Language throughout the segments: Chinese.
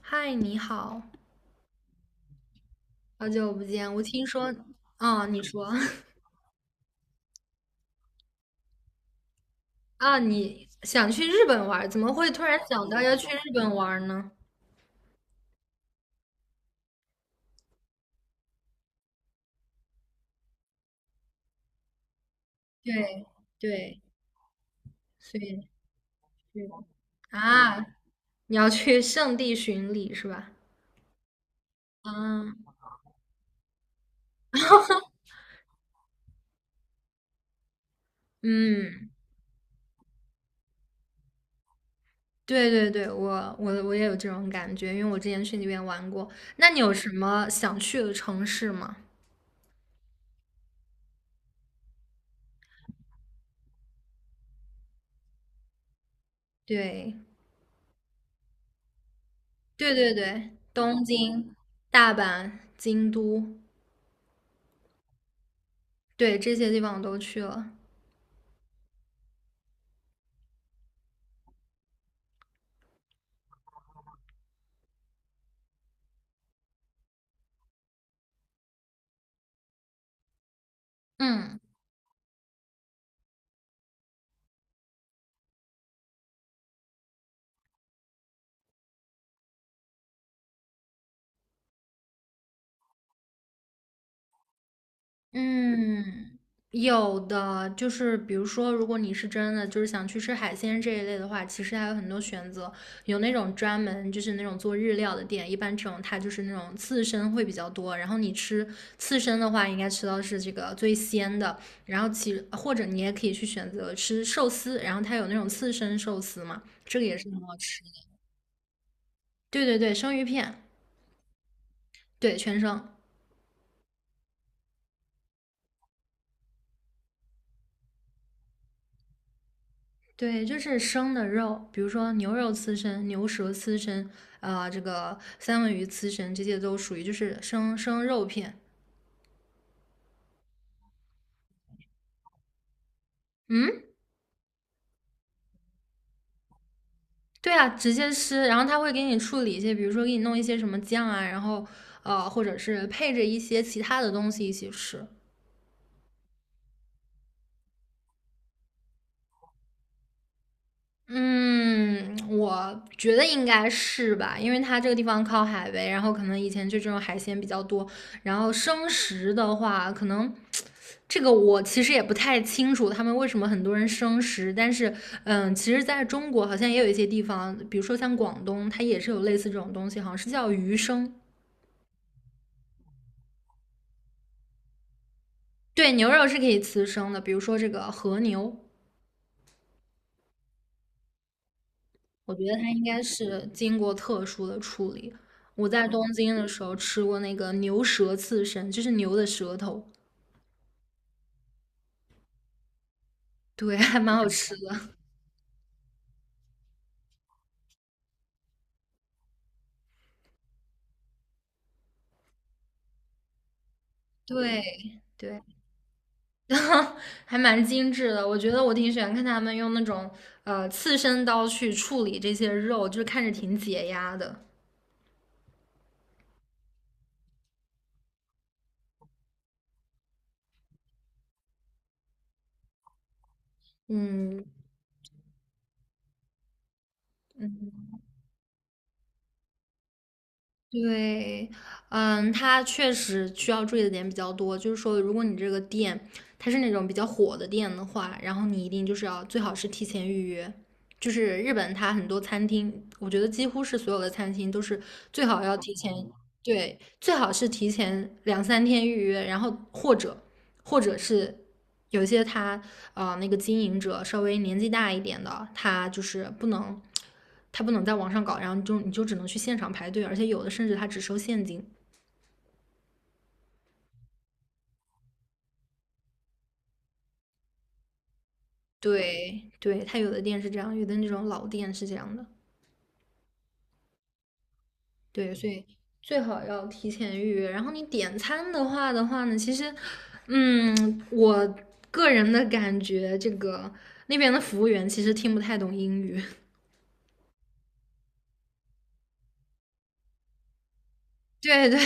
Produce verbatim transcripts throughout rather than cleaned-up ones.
嗨，你好，好久不见。我听说，啊，你说 啊，你想去日本玩儿，怎么会突然想到要去日本玩儿呢？对对，所以对啊，你要去圣地巡礼是吧？啊，嗯，对对对，我我我也有这种感觉，因为我之前去那边玩过。那你有什么想去的城市吗？对对对对，东京、大阪、京都，对，这些地方我都去了。嗯嗯，有的就是比如说，如果你是真的就是想去吃海鲜这一类的话，其实还有很多选择，有那种专门就是那种做日料的店，一般这种它就是那种刺身会比较多，然后你吃刺身的话，应该吃到是这个最鲜的，然后其或者你也可以去选择吃寿司，然后它有那种刺身寿司嘛，这个也是很好吃的。对对对，生鱼片，对，全生。对，就是生的肉，比如说牛肉刺身、牛舌刺身，啊、这个三文鱼刺身，这些都属于就是生生肉片。嗯，对啊，直接吃。然后他会给你处理一些，比如说给你弄一些什么酱啊，然后呃，或者是配着一些其他的东西一起吃。嗯，我觉得应该是吧，因为它这个地方靠海呗，然后可能以前就这种海鲜比较多，然后生食的话，可能这个我其实也不太清楚他们为什么很多人生食，但是嗯，其实在中国好像也有一些地方，比如说像广东，它也是有类似这种东西，好像是叫鱼生，对，牛肉是可以吃生的，比如说这个和牛。我觉得它应该是经过特殊的处理。我在东京的时候吃过那个牛舌刺身，就是牛的舌头，对，还蛮好吃的。对对，然后还蛮精致的。我觉得我挺喜欢看他们用那种呃刺身刀去处理这些肉，就是看着挺解压的。嗯，嗯对，嗯，它确实需要注意的点比较多。就是说，如果你这个店它是那种比较火的店的话，然后你一定就是要最好是提前预约。就是日本它很多餐厅，我觉得几乎是所有的餐厅都是最好要提前，对，最好是提前两三天预约，然后或者或者是有些他呃那个经营者稍微年纪大一点的，他就是不能，他不能在网上搞，然后就你就只能去现场排队，而且有的甚至他只收现金。对对，他有的店是这样，有的那种老店是这样的。对，所以最好要提前预约。然后你点餐的话的话呢，其实，嗯，我个人的感觉，这个那边的服务员其实听不太懂英语。对 对，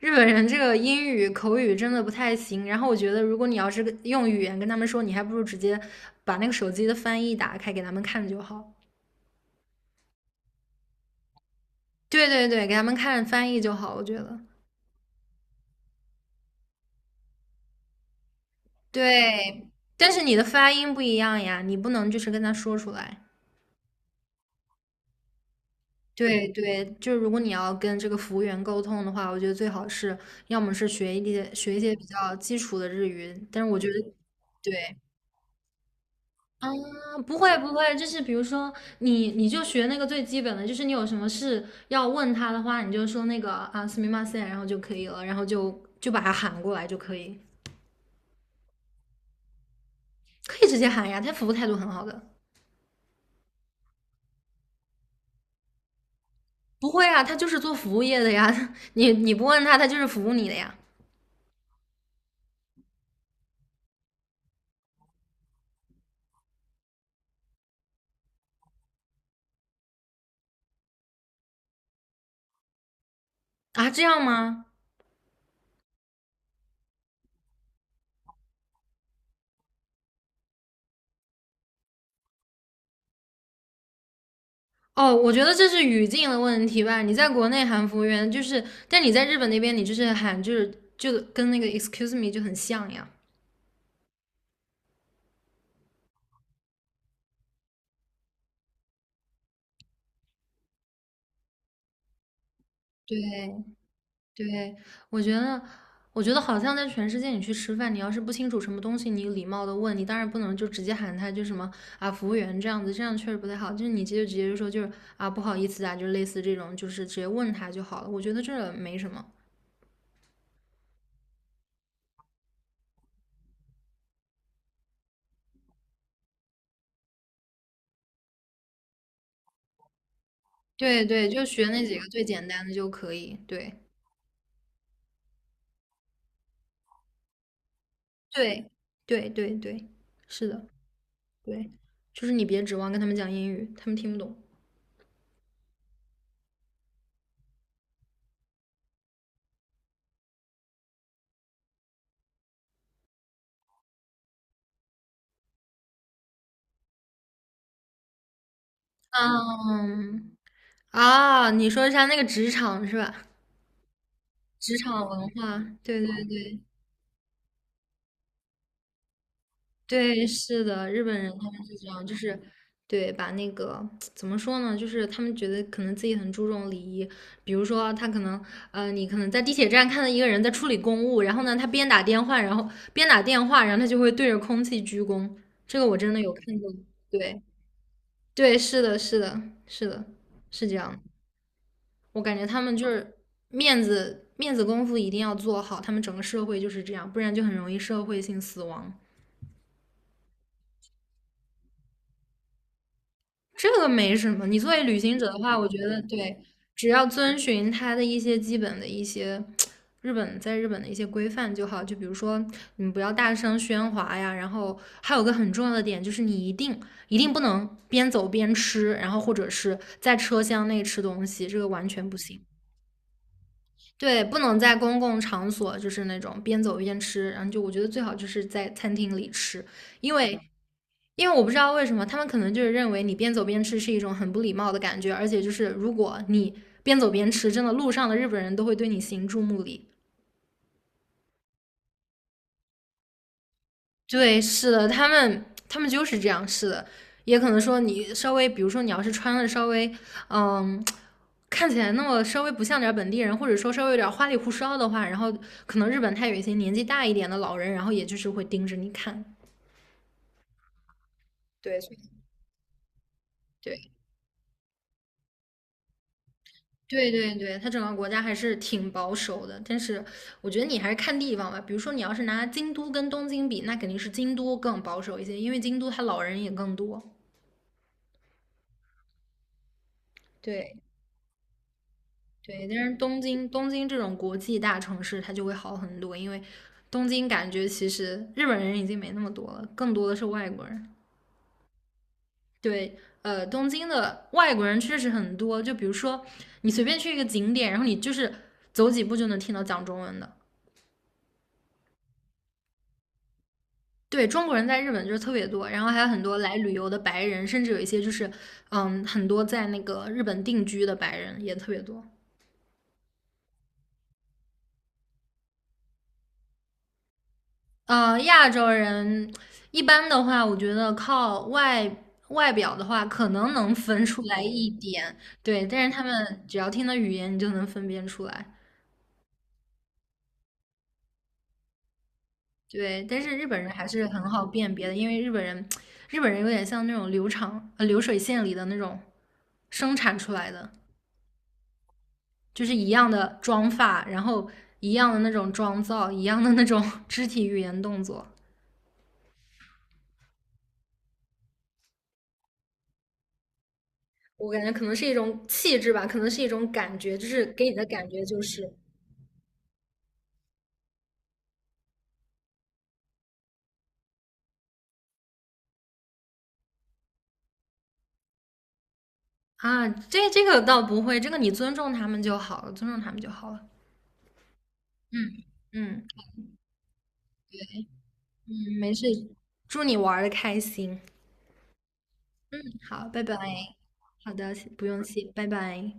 日本人这个英语口语真的不太行。然后我觉得，如果你要是跟用语言跟他们说，你还不如直接把那个手机的翻译打开给他们看就好。对对对，给他们看翻译就好，我觉得。对，但是你的发音不一样呀，你不能就是跟他说出来。对对，就是如果你要跟这个服务员沟通的话，我觉得最好是要么是学一点学一些比较基础的日语，但是我觉得对。啊，不会不会，就是比如说你你就学那个最基本的，就是你有什么事要问他的话，你就说那个啊すみません，然后就可以了，然后就就把他喊过来就可以，可以直接喊呀，他服务态度很好的。不会啊，他就是做服务业的呀，你你不问他，他就是服务你的呀。啊，这样吗？哦，我觉得这是语境的问题吧。你在国内喊服务员就是，但你在日本那边，你就是喊就是就跟那个 excuse me 就很像呀。对对，我觉得，我觉得好像在全世界，你去吃饭，你要是不清楚什么东西，你礼貌的问，你当然不能就直接喊他就什么啊服务员这样子，这样确实不太好。就是你直接直接就说就是啊不好意思啊，就类似这种，就是直接问他就好了。我觉得这没什么。对对，就学那几个最简单的就可以。对对对对对，是的，对，就是你别指望跟他们讲英语，他们听不懂。嗯啊，你说一下那个职场是吧？职场文化，对对对对，是的，日本人他们是这样，就是对把那个怎么说呢，就是他们觉得可能自己很注重礼仪，比如说他可能呃，你可能在地铁站看到一个人在处理公务，然后呢，他边打电话，然后边打电话，然后他就会对着空气鞠躬，这个我真的有看过，对对，是的，是的，是的，是这样的，我感觉他们就是面子面子功夫一定要做好，他们整个社会就是这样，不然就很容易社会性死亡。这个没什么。你作为旅行者的话，我觉得对，只要遵循它的一些基本的一些日本在日本的一些规范就好。就比如说，你不要大声喧哗呀。然后还有个很重要的点就是，你一定一定不能边走边吃，然后或者是在车厢内吃东西，这个完全不行。对，不能在公共场所就是那种边走边吃，然后就我觉得最好就是在餐厅里吃，因为因为我不知道为什么，他们可能就是认为你边走边吃是一种很不礼貌的感觉，而且就是如果你边走边吃，真的路上的日本人都会对你行注目礼。对，是的，他们他们就是这样，是的。也可能说你稍微，比如说你要是穿的稍微，嗯，看起来那么稍微不像点本地人，或者说稍微有点花里胡哨的话，然后可能日本他有一些年纪大一点的老人，然后也就是会盯着你看。对对，对对对，它整个国家还是挺保守的，但是我觉得你还是看地方吧。比如说，你要是拿京都跟东京比，那肯定是京都更保守一些，因为京都它老人也更多。对对，但是东京东京这种国际大城市，它就会好很多，因为东京感觉其实日本人已经没那么多了，更多的是外国人。对，呃，东京的外国人确实很多，就比如说你随便去一个景点，然后你就是走几步就能听到讲中文的。对，中国人在日本就是特别多，然后还有很多来旅游的白人，甚至有一些就是，嗯，很多在那个日本定居的白人也特别多。呃，亚洲人一般的话，我觉得靠外外表的话，可能能分出来一点，对，但是他们只要听的语言，你就能分辨出来。对，但是日本人还是很好辨别的，因为日本人，日本人有点像那种流长呃流水线里的那种生产出来的。就是一样的妆发，然后一样的那种妆造，一样的那种 肢体语言动作我感觉可能是一种气质吧，可能是一种感觉，就是给你的感觉就是啊。这这个倒不会，这个你尊重他们就好了，尊重他们就好了。嗯嗯嗯，没事，祝你玩的开心。好，拜拜。好的，不用谢，拜拜。